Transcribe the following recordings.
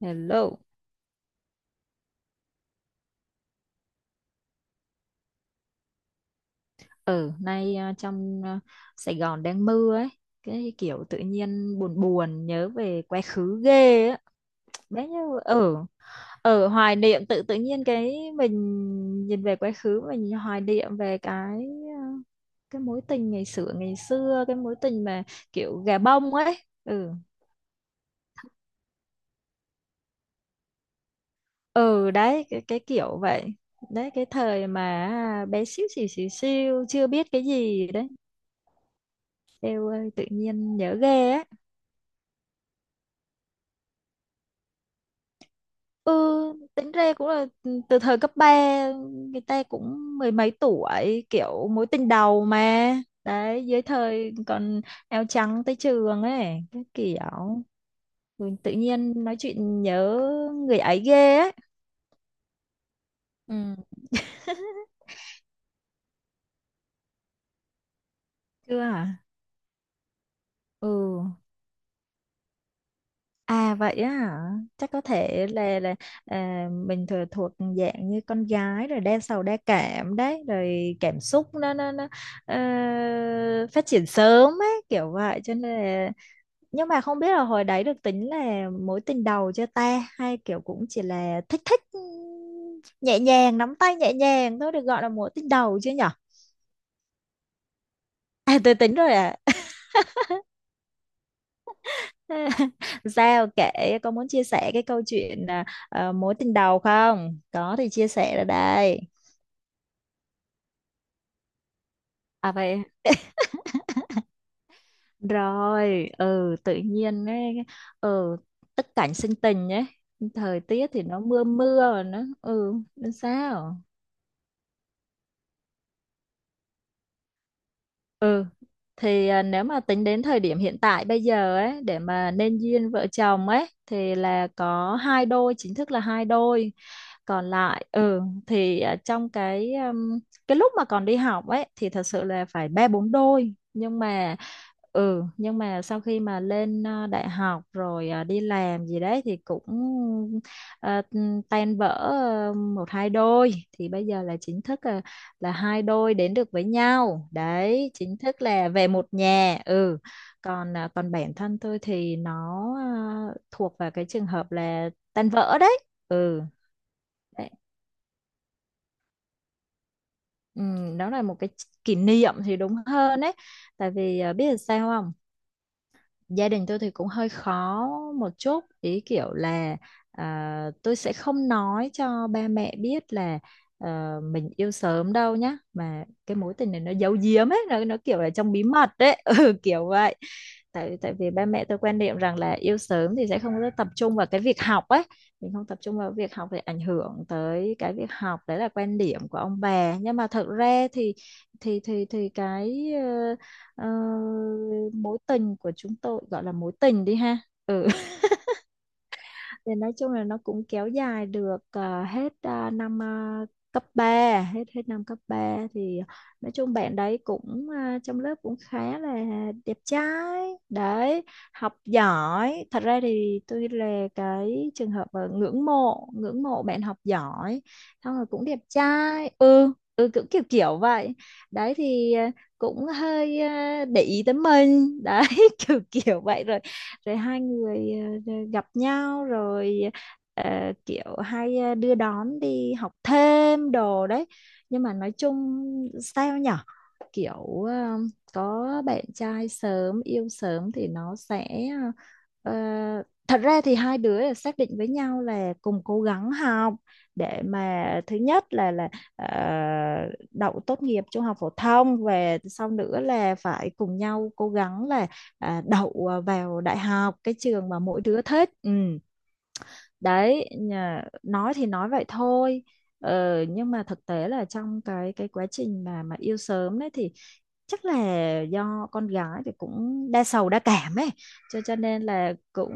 Hello. Ở nay trong Sài Gòn đang mưa ấy, cái kiểu tự nhiên buồn buồn nhớ về quá khứ ghê á. Bé như ở ở hoài niệm tự tự nhiên cái mình nhìn về quá khứ, mình hoài niệm về à, cái mối tình ngày xưa, ngày xưa cái mối tình mà kiểu gà bông ấy. Ừ. Ừ đấy, cái kiểu vậy. Đấy cái thời mà bé xíu xíu xíu xíu chưa biết cái gì đấy. Eo ơi tự nhiên nhớ ghê á. Ừ, tính ra cũng là từ thời cấp ba, người ta cũng mười mấy tuổi, kiểu mối tình đầu mà. Đấy, dưới thời còn áo trắng tới trường ấy, cái kiểu tự nhiên nói chuyện nhớ người ấy ghê ấy. Ừ. Chưa hả? Ừ. À vậy á hả? Chắc có thể là mình thừa thuộc dạng như con gái rồi đa sầu đa cảm đấy, rồi cảm xúc nó ờ, phát triển sớm ấy, kiểu vậy cho nên là nhưng mà không biết là hồi đấy được tính là mối tình đầu chưa ta, hay kiểu cũng chỉ là thích thích, nhẹ nhàng nắm tay nhẹ nhàng thôi được gọi là mối tình đầu chưa nhở? À tôi tính rồi Sao, kể có muốn chia sẻ cái câu chuyện mối tình đầu không? Có thì chia sẻ ra đây. À vậy rồi, tự nhiên ấy, ừ tất cảnh sinh tình ấy, thời tiết thì nó mưa mưa rồi nó nên sao? Ừ thì nếu mà tính đến thời điểm hiện tại bây giờ ấy để mà nên duyên vợ chồng ấy thì là có hai đôi chính thức, là hai đôi. Còn lại thì trong cái lúc mà còn đi học ấy thì thật sự là phải ba bốn đôi, nhưng mà sau khi mà lên đại học rồi đi làm gì đấy thì cũng à, tan vỡ một hai đôi, thì bây giờ là chính thức là hai đôi đến được với nhau đấy, chính thức là về một nhà. Ừ. Còn còn bản thân tôi thì nó thuộc vào cái trường hợp là tan vỡ đấy. Ừ. Đấy. Ừ, đó là một cái kỷ niệm thì đúng hơn đấy. Tại vì biết là sao không, gia đình tôi thì cũng hơi khó một chút, ý kiểu là tôi sẽ không nói cho ba mẹ biết là mình yêu sớm đâu nhá, mà cái mối tình này nó giấu giếm ấy, nó kiểu là trong bí mật đấy. Ừ, kiểu vậy. Tại tại vì ba mẹ tôi quan niệm rằng là yêu sớm thì sẽ không có tập trung vào cái việc học ấy, mình không tập trung vào việc học thì ảnh hưởng tới cái việc học. Đấy là quan điểm của ông bà, nhưng mà thật ra thì thì cái ờ, mối tình của chúng tôi gọi là mối tình đi ha, thì nói chung là nó cũng kéo dài được hết năm cấp 3, hết hết năm cấp ba. Thì nói chung bạn đấy cũng trong lớp cũng khá là đẹp trai đấy, học giỏi. Thật ra thì tôi là cái trường hợp ngưỡng mộ, ngưỡng mộ bạn học giỏi, xong rồi cũng đẹp trai, ừ, cũng kiểu kiểu vậy đấy. Thì cũng hơi để ý tới mình đấy, kiểu kiểu vậy. Rồi rồi hai người gặp nhau, rồi kiểu hay đưa đón đi học thêm đồ đấy. Nhưng mà nói chung sao nhở, kiểu có bạn trai sớm, yêu sớm thì nó sẽ ờ, ờ, thật ra thì hai đứa là xác định với nhau là cùng cố gắng học, để mà thứ nhất là ờ, đậu tốt nghiệp trung học phổ thông, và sau nữa là phải cùng nhau cố gắng là đậu vào đại học cái trường mà mỗi đứa thích. Ừ. Nói thì nói vậy thôi. Ờ, nhưng mà thực tế là trong cái quá trình mà yêu sớm đấy thì chắc là do con gái thì cũng đa sầu đa cảm ấy, cho nên là cũng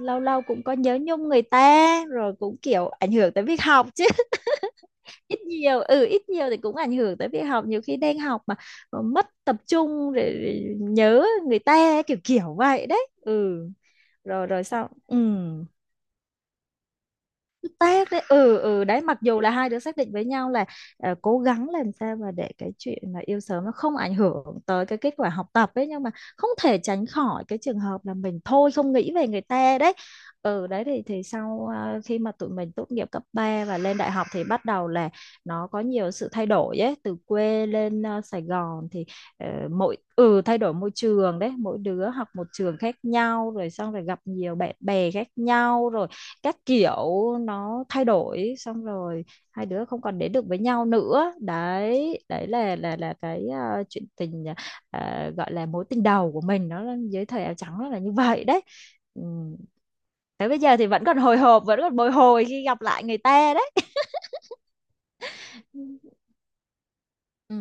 lâu lâu cũng có nhớ nhung người ta, rồi cũng kiểu ảnh hưởng tới việc học chứ. Ít nhiều, ừ, ít nhiều thì cũng ảnh hưởng tới việc học. Nhiều khi đang học mà mất tập trung để rồi nhớ người ta, kiểu kiểu vậy đấy. Ừ. rồi rồi sao? Ừ, tác đấy. Ừ, ừ đấy, mặc dù là hai đứa xác định với nhau là cố gắng làm sao mà để cái chuyện mà yêu sớm nó không ảnh hưởng tới cái kết quả học tập ấy, nhưng mà không thể tránh khỏi cái trường hợp là mình thôi không nghĩ về người ta đấy. Ừ đấy, thì sau khi mà tụi mình tốt nghiệp cấp 3 và lên đại học thì bắt đầu là nó có nhiều sự thay đổi ấy, từ quê lên Sài Gòn thì mỗi, ừ, thay đổi môi trường đấy, mỗi đứa học một trường khác nhau, rồi xong rồi gặp nhiều bạn bè khác nhau, rồi các kiểu nó thay đổi, xong rồi hai đứa không còn đến được với nhau nữa đấy. Đấy là cái chuyện tình gọi là mối tình đầu của mình, nó là dưới thời áo trắng, nó là như vậy đấy. Ừ. Tới bây giờ thì vẫn còn hồi hộp, vẫn còn bồi hồi khi gặp lại người ta đấy. Ừ.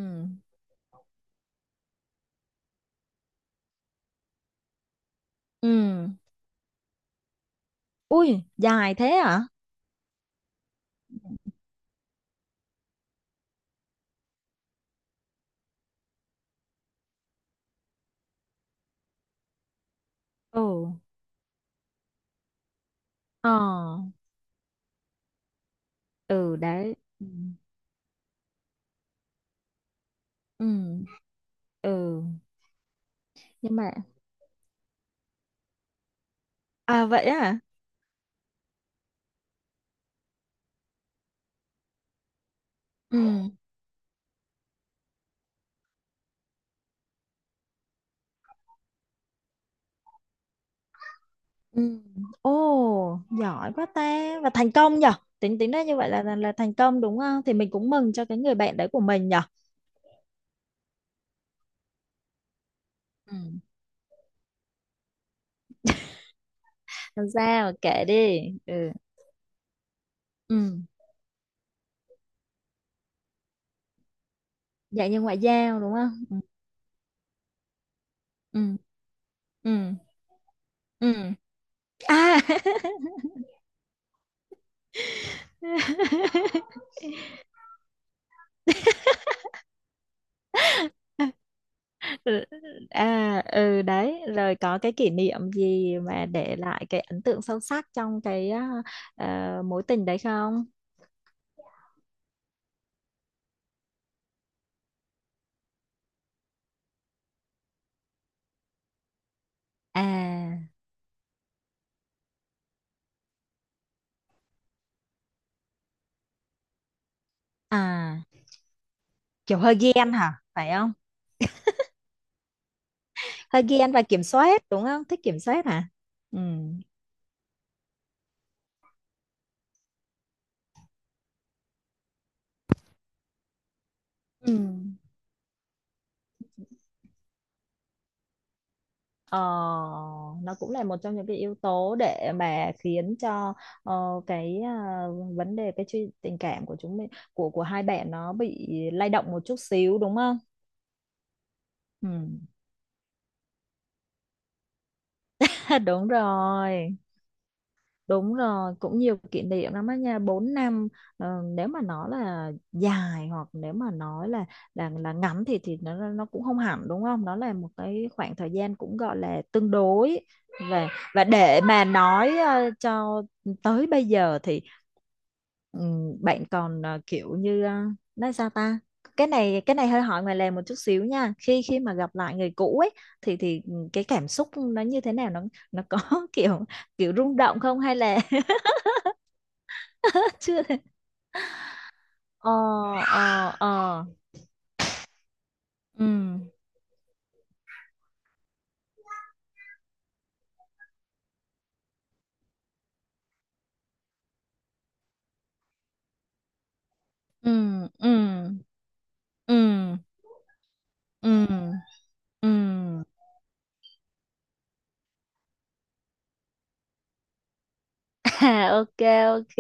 Ừ. Ui dài thế hả? Ừ. Ờ. Ừ đấy. Ừ. Ừ. Ừ nhưng mà à vậy á. Ừ. Ừ. Ồ, giỏi quá ta, và thành công nhở. Tính tính ra như vậy là, là thành công đúng không? Thì mình cũng mừng cho cái người bạn đấy của mình nhở. Ừ. Làm sao kệ đi. Ừ. Ừ. Dạy như ngoại giao đúng không? Ừ. Ừ. Ừ. Ừ. À. Ừ. À, ừ đấy, rồi có cái kỷ niệm gì mà để lại cái ấn tượng sâu sắc trong cái mối tình đấy không? À. À, kiểu hơi ghen hả, phải không? Hơi ghen và kiểm soát đúng không, thích kiểm soát hả? Ừ. Ừ. Ờ, nó cũng là một trong những cái yếu tố để mà khiến cho ờ, cái vấn đề cái chuyện tình cảm của chúng mình, của hai bạn, nó bị lay động một chút xíu đúng không? Ừ. Đúng rồi. Đúng rồi, cũng nhiều kỷ niệm lắm á nha, 4 năm nếu mà nói là dài, hoặc nếu mà nói là là ngắn thì thì nó cũng không hẳn đúng không? Nó là một cái khoảng thời gian cũng gọi là tương đối. Và để mà nói cho tới bây giờ thì bạn còn kiểu như nói sao ta? Cái này, hơi hỏi ngoài lề một chút xíu nha. Khi khi mà gặp lại người cũ ấy thì cái cảm xúc nó như thế nào, nó có kiểu, rung động không, hay là chưa? ờ ờ ờ ừ ừ ừ ừ ừ ừ ừ. À, ok. Ok,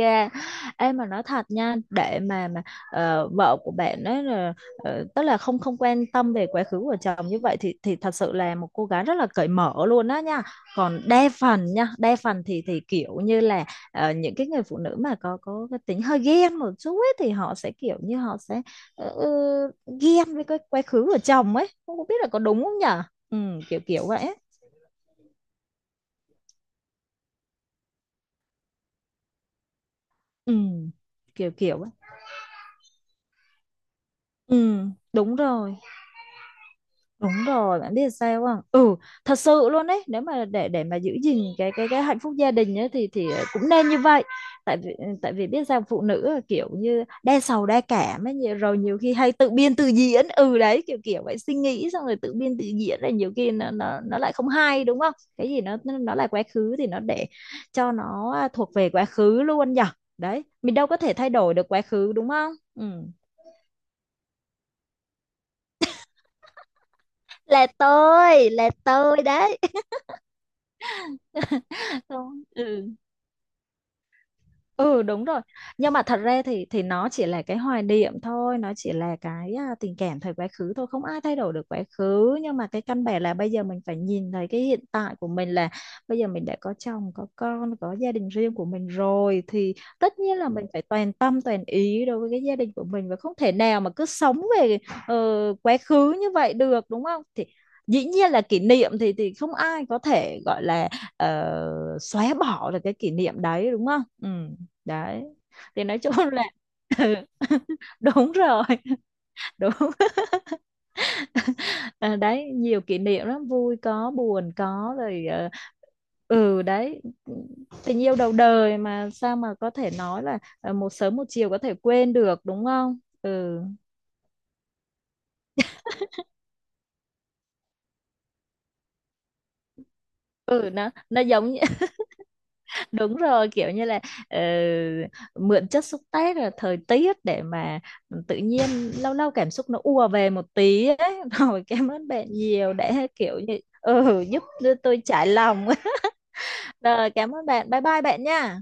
em mà nói thật nha, để mà vợ của bạn ấy là tức là không, không quan tâm về quá khứ của chồng như vậy, thì thật sự là một cô gái rất là cởi mở luôn đó nha. Còn đa phần nha, đa phần thì kiểu như là ờ, những cái người phụ nữ mà có cái tính hơi ghen một chút ấy, thì họ sẽ kiểu như họ sẽ ờ, ờ, ghen với cái quá khứ của chồng ấy, không có biết là có đúng không nhở. Ừ, kiểu kiểu vậy ấy. Ừ, kiểu kiểu ấy. Ừ, đúng rồi. Đúng rồi, bạn biết sao không? Ừ, thật sự luôn đấy. Nếu mà để mà giữ gìn cái cái hạnh phúc gia đình ấy, thì cũng nên như vậy. Tại vì, ừ, tại vì biết sao, phụ nữ là kiểu như đa sầu đa cảm ấy, nhiều- rồi nhiều khi hay tự biên tự diễn. Ừ đấy, kiểu kiểu vậy, suy nghĩ xong rồi tự biên tự diễn, là nhiều khi nó lại không hay đúng không? Cái gì nó là quá khứ thì nó để cho nó thuộc về quá khứ luôn nhở. Đấy, mình đâu có thể thay đổi được quá khứ đúng không? Ừ. Là tôi, là tôi đấy. Không. Ừ. Ừ đúng rồi, nhưng mà thật ra thì nó chỉ là cái hoài niệm thôi, nó chỉ là cái tình cảm thời quá khứ thôi, không ai thay đổi được quá khứ, nhưng mà cái căn bản là bây giờ mình phải nhìn thấy cái hiện tại của mình, là bây giờ mình đã có chồng có con, có gia đình riêng của mình rồi, thì tất nhiên là mình phải toàn tâm toàn ý đối với cái gia đình của mình, và không thể nào mà cứ sống về ờ, quá khứ như vậy được đúng không? Thì dĩ nhiên là kỷ niệm thì không ai có thể gọi là xóa bỏ được cái kỷ niệm đấy đúng không. Ừ đấy, thì nói chung là ừ, đúng rồi. Đúng. À đấy, nhiều kỷ niệm lắm, vui có buồn có, rồi ờ, ừ đấy, tình yêu đầu đời mà, sao mà có thể nói là một sớm một chiều có thể quên được đúng không. Ừ. Ừ, nó giống như- đúng rồi, kiểu như là ờ, mượn chất xúc tác là thời tiết, để mà tự nhiên lâu lâu cảm xúc nó ùa về một tí ấy. Rồi cảm ơn bạn nhiều, để kiểu như, ừ, giúp tôi trải lòng. Rồi, cảm ơn bạn, bye bye bạn nha.